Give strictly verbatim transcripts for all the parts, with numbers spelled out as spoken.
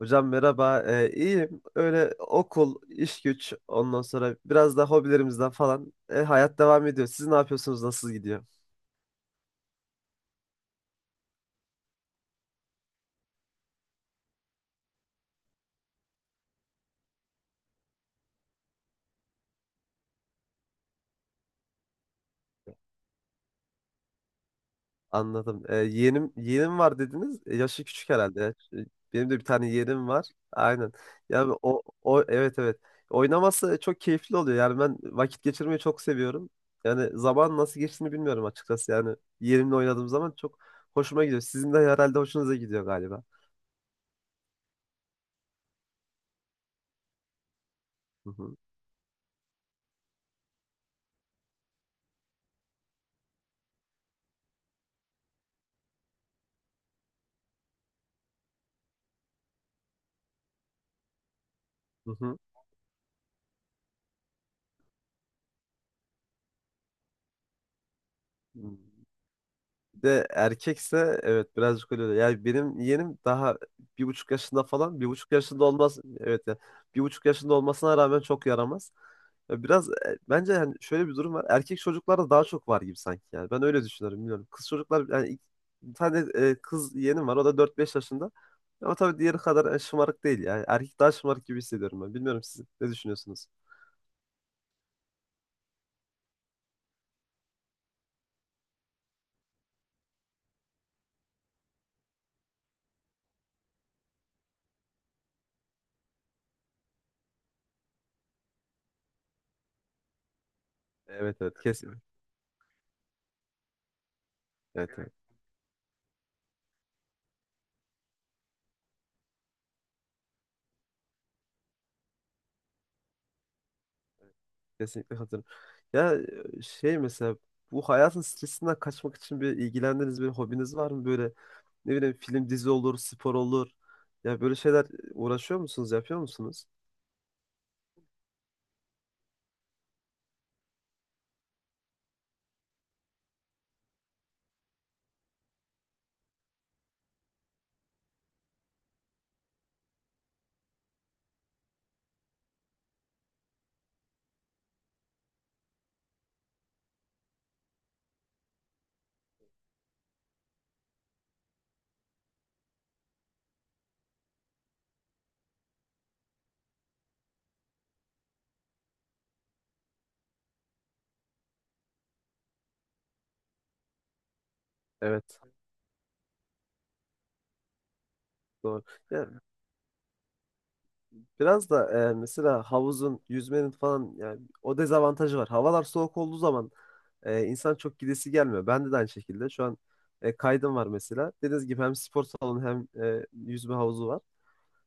Hocam merhaba. Ee, iyiyim. Öyle okul, iş güç, ondan sonra biraz da hobilerimizden falan e, hayat devam ediyor. Siz ne yapıyorsunuz? Nasıl gidiyor? Anladım. Ee, yeğenim yeğenim var dediniz. E, yaşı küçük herhalde. ya. Ş- Benim de bir tane yeğenim var. Aynen. Yani o o evet, evet. Oynaması çok keyifli oluyor. Yani ben vakit geçirmeyi çok seviyorum. Yani zaman nasıl geçtiğini bilmiyorum açıkçası. Yani yeğenimle oynadığım zaman çok hoşuma gidiyor. Sizin de herhalde hoşunuza gidiyor galiba. Hı hı. Hı hı. Bir de erkekse, evet, birazcık öyle. oluyor. Yani benim yeğenim daha bir buçuk yaşında falan. Bir buçuk yaşında olmaz. Evet ya. Bir buçuk yaşında olmasına rağmen çok yaramaz. Ya, biraz e, bence yani şöyle bir durum var. Erkek çocuklarda daha çok var gibi sanki yani. Ben öyle düşünüyorum, bilmiyorum. Kız çocuklar yani ilk- bir tane e, kız yeğenim var. O da dört beş yaşında. Ama tabii diğeri kadar e, şımarık değil yani. Erkek daha şımarık gibi hissediyorum ben. Bilmiyorum, siz ne düşünüyorsunuz? Evet, evet, kesin. Evet, evet. Kesinlikle katılıyorum. Ya e, şey mesela, bu hayatın stresinden kaçmak için bir ilgilendiğiniz bir hobiniz var mı? Böyle ne bileyim, film dizi olur, spor olur. Ya böyle şeyler uğraşıyor musunuz, yapıyor musunuz? Evet, doğru. Ya biraz da e, mesela havuzun, yüzmenin falan yani o dezavantajı var. Havalar soğuk olduğu zaman e, insan çok gidesi gelmiyor. Ben de aynı şekilde şu an e, kaydım var mesela. Dediğiniz gibi hem spor salonu hem e, yüzme havuzu var.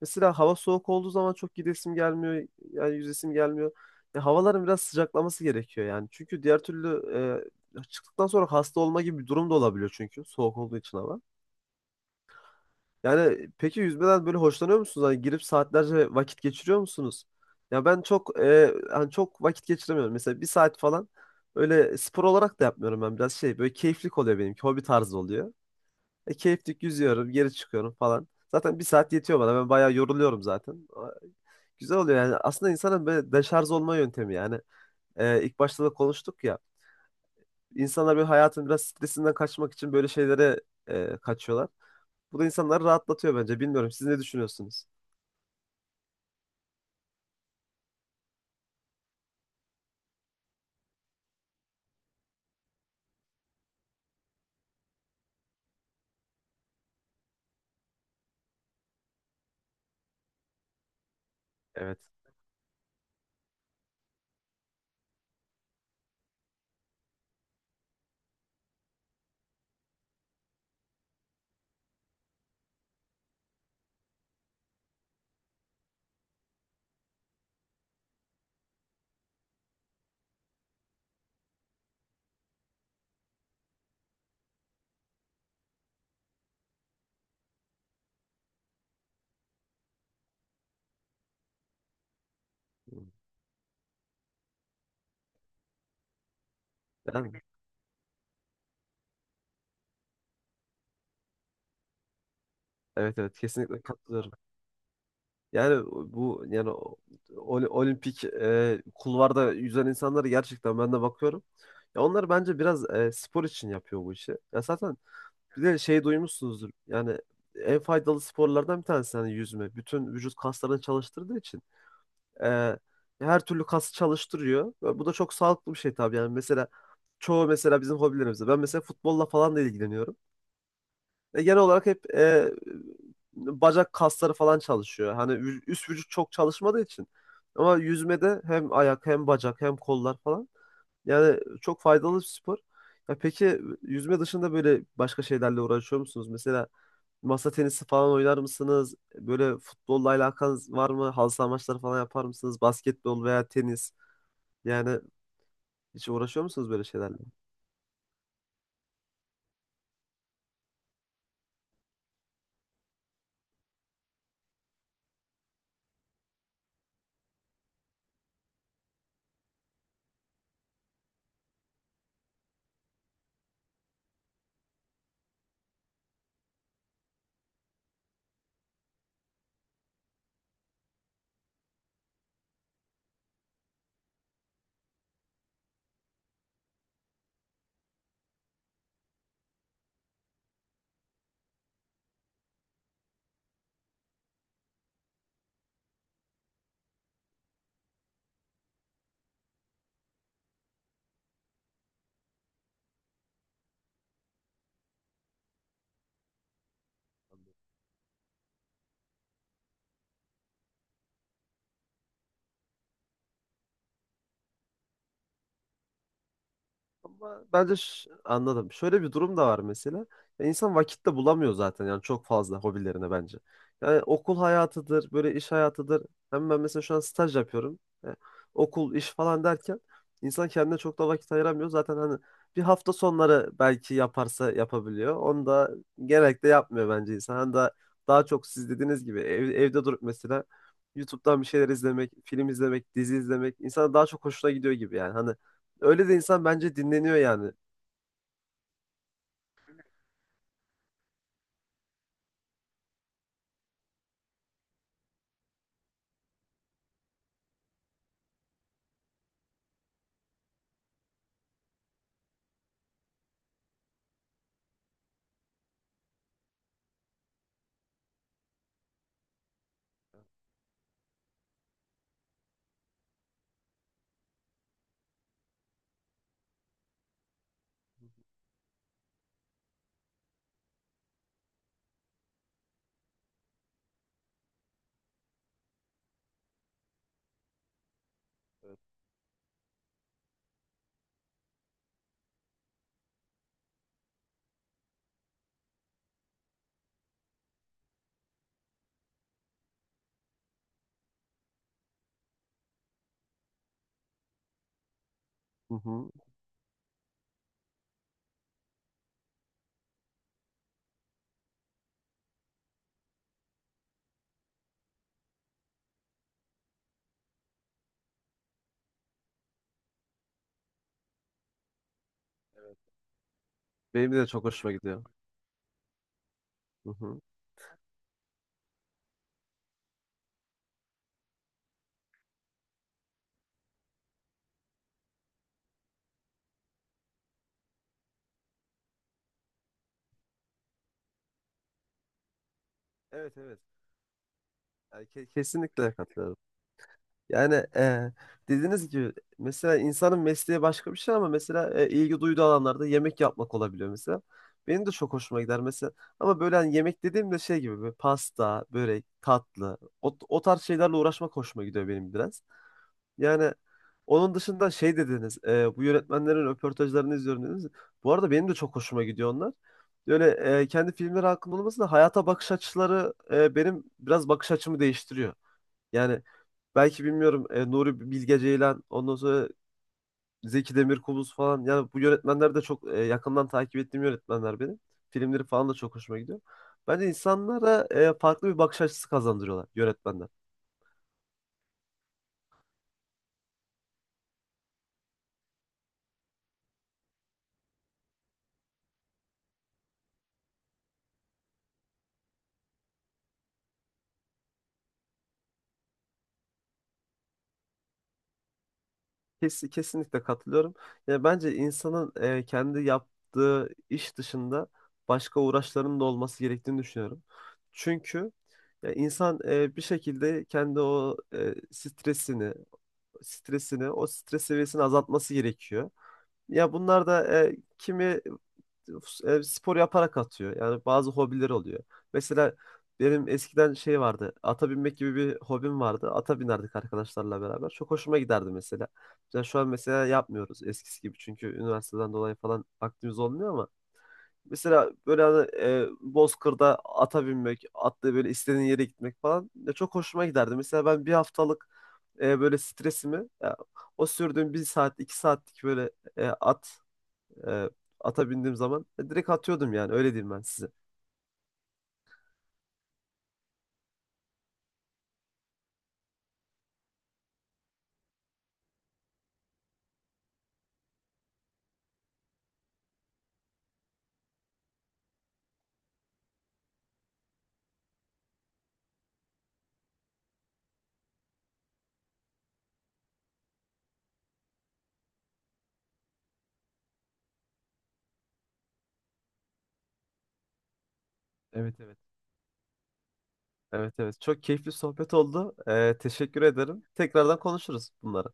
Mesela hava soğuk olduğu zaman çok gidesim gelmiyor. Yani yüzesim gelmiyor. Ya, havaların biraz sıcaklaması gerekiyor yani. Çünkü diğer türlü e, çıktıktan sonra hasta olma gibi bir durum da olabiliyor, çünkü soğuk olduğu için hava. Yani peki yüzmeden böyle hoşlanıyor musunuz? Hani girip saatlerce vakit geçiriyor musunuz? Ya ben çok e, hani çok vakit geçiremiyorum. Mesela bir saat falan öyle spor olarak da yapmıyorum ben. Biraz şey, böyle keyiflik oluyor benimki. Hobi tarzı oluyor. E, keyiflik yüzüyorum, geri çıkıyorum falan. Zaten bir saat yetiyor bana. Ben bayağı yoruluyorum zaten. Güzel oluyor yani. Aslında insanın böyle deşarj olma yöntemi yani. Ee, ilk başta da konuştuk ya. İnsanlar böyle hayatın biraz stresinden kaçmak için böyle şeylere e, kaçıyorlar. Bu da insanları rahatlatıyor bence. Bilmiyorum. Siz ne düşünüyorsunuz? Evet. Yani, evet, evet, kesinlikle katılıyorum. Yani bu yani ol- olimpik e, kulvarda yüzen insanlara gerçekten ben de bakıyorum. Ya onlar bence biraz e, spor için yapıyor bu işi. Ya zaten bir de şey duymuşsunuzdur. Yani en faydalı sporlardan bir tanesi hani yüzme. Bütün vücut kaslarını çalıştırdığı için e, her türlü kası çalıştırıyor. Ve bu da çok sağlıklı bir şey tabii yani. Mesela çoğu mesela bizim hobilerimizde. Ben mesela futbolla falan da ilgileniyorum. E, genel olarak hep e, bacak kasları falan çalışıyor. Hani vü- üst vücut çok çalışmadığı için. Ama yüzmede hem ayak, hem bacak, hem kollar falan. Yani çok faydalı bir spor. Ya peki yüzme dışında böyle başka şeylerle uğraşıyor musunuz? Mesela masa tenisi falan oynar mısınız? Böyle futbolla alakanız var mı? Halı saha maçları falan yapar mısınız? Basketbol veya tenis. Yani hiç uğraşıyor musunuz böyle şeylerle? Ama bence ş- anladım. Şöyle bir durum da var mesela. Ya, İnsan vakit de bulamıyor zaten yani çok fazla hobilerine bence. Yani okul hayatıdır, böyle iş hayatıdır. Hem ben mesela şu an staj yapıyorum. E, Okul, iş falan derken insan kendine çok da vakit ayıramıyor. Zaten hani bir hafta sonları belki yaparsa yapabiliyor. Onu da genellikle yapmıyor bence insan. Hani daha, daha çok siz dediğiniz gibi ev- evde durup mesela YouTube'dan bir şeyler izlemek, film izlemek, dizi izlemek insana daha çok hoşuna gidiyor gibi yani. Hani öyle de insan bence dinleniyor yani. Hı hı. Benim de çok hoşuma gidiyor. Hı hı. Evet, evet. Yani ke- kesinlikle katılıyorum. Yani e, dediğiniz gibi mesela insanın mesleği başka bir şey ama mesela e, ilgi duyduğu alanlarda yemek yapmak olabiliyor mesela. Benim de çok hoşuma gider mesela. Ama böyle hani yemek dediğimde şey gibi böyle pasta, börek, tatlı o, o tarz şeylerle uğraşmak hoşuma gidiyor benim biraz. Yani onun dışında şey dediniz, e, bu yönetmenlerin röportajlarını izliyorum dediniz. Bu arada benim de çok hoşuma gidiyor onlar. Böyle e, kendi filmleri hakkında olması da hayata bakış açıları e, benim biraz bakış açımı değiştiriyor. Yani belki bilmiyorum e, Nuri Bilge Ceylan, ondan sonra Zeki Demirkubuz falan. Yani bu yönetmenler de çok e, yakından takip ettiğim yönetmenler benim. Filmleri falan da çok hoşuma gidiyor. Bence insanlara e, farklı bir bakış açısı kazandırıyorlar yönetmenler. Kes, kesinlikle katılıyorum. Yani bence insanın e, kendi yaptığı iş dışında başka uğraşlarının da olması gerektiğini düşünüyorum. Çünkü ya insan e, bir şekilde kendi o e, stresini, stresini, o stres seviyesini azaltması gerekiyor. Ya bunlar da e, kimi e, spor yaparak atıyor. Yani bazı hobileri oluyor. Mesela benim eskiden şey vardı. Ata binmek gibi bir hobim vardı. Ata binerdik arkadaşlarla beraber. Çok hoşuma giderdi mesela. Yani şu an mesela yapmıyoruz eskisi gibi. Çünkü üniversiteden dolayı falan vaktimiz olmuyor ama mesela böyle hani, e, Bozkır'da ata binmek, atla böyle istediğin yere gitmek falan, ya çok hoşuma giderdi. Mesela ben bir haftalık e, böyle stresimi ya, o sürdüğüm bir saat, iki saatlik böyle e, at e, ata bindiğim zaman e, direkt atıyordum yani öyle diyeyim ben size. Evet, evet. Evet, evet, çok keyifli sohbet oldu. E, teşekkür ederim. Tekrardan konuşuruz bunları.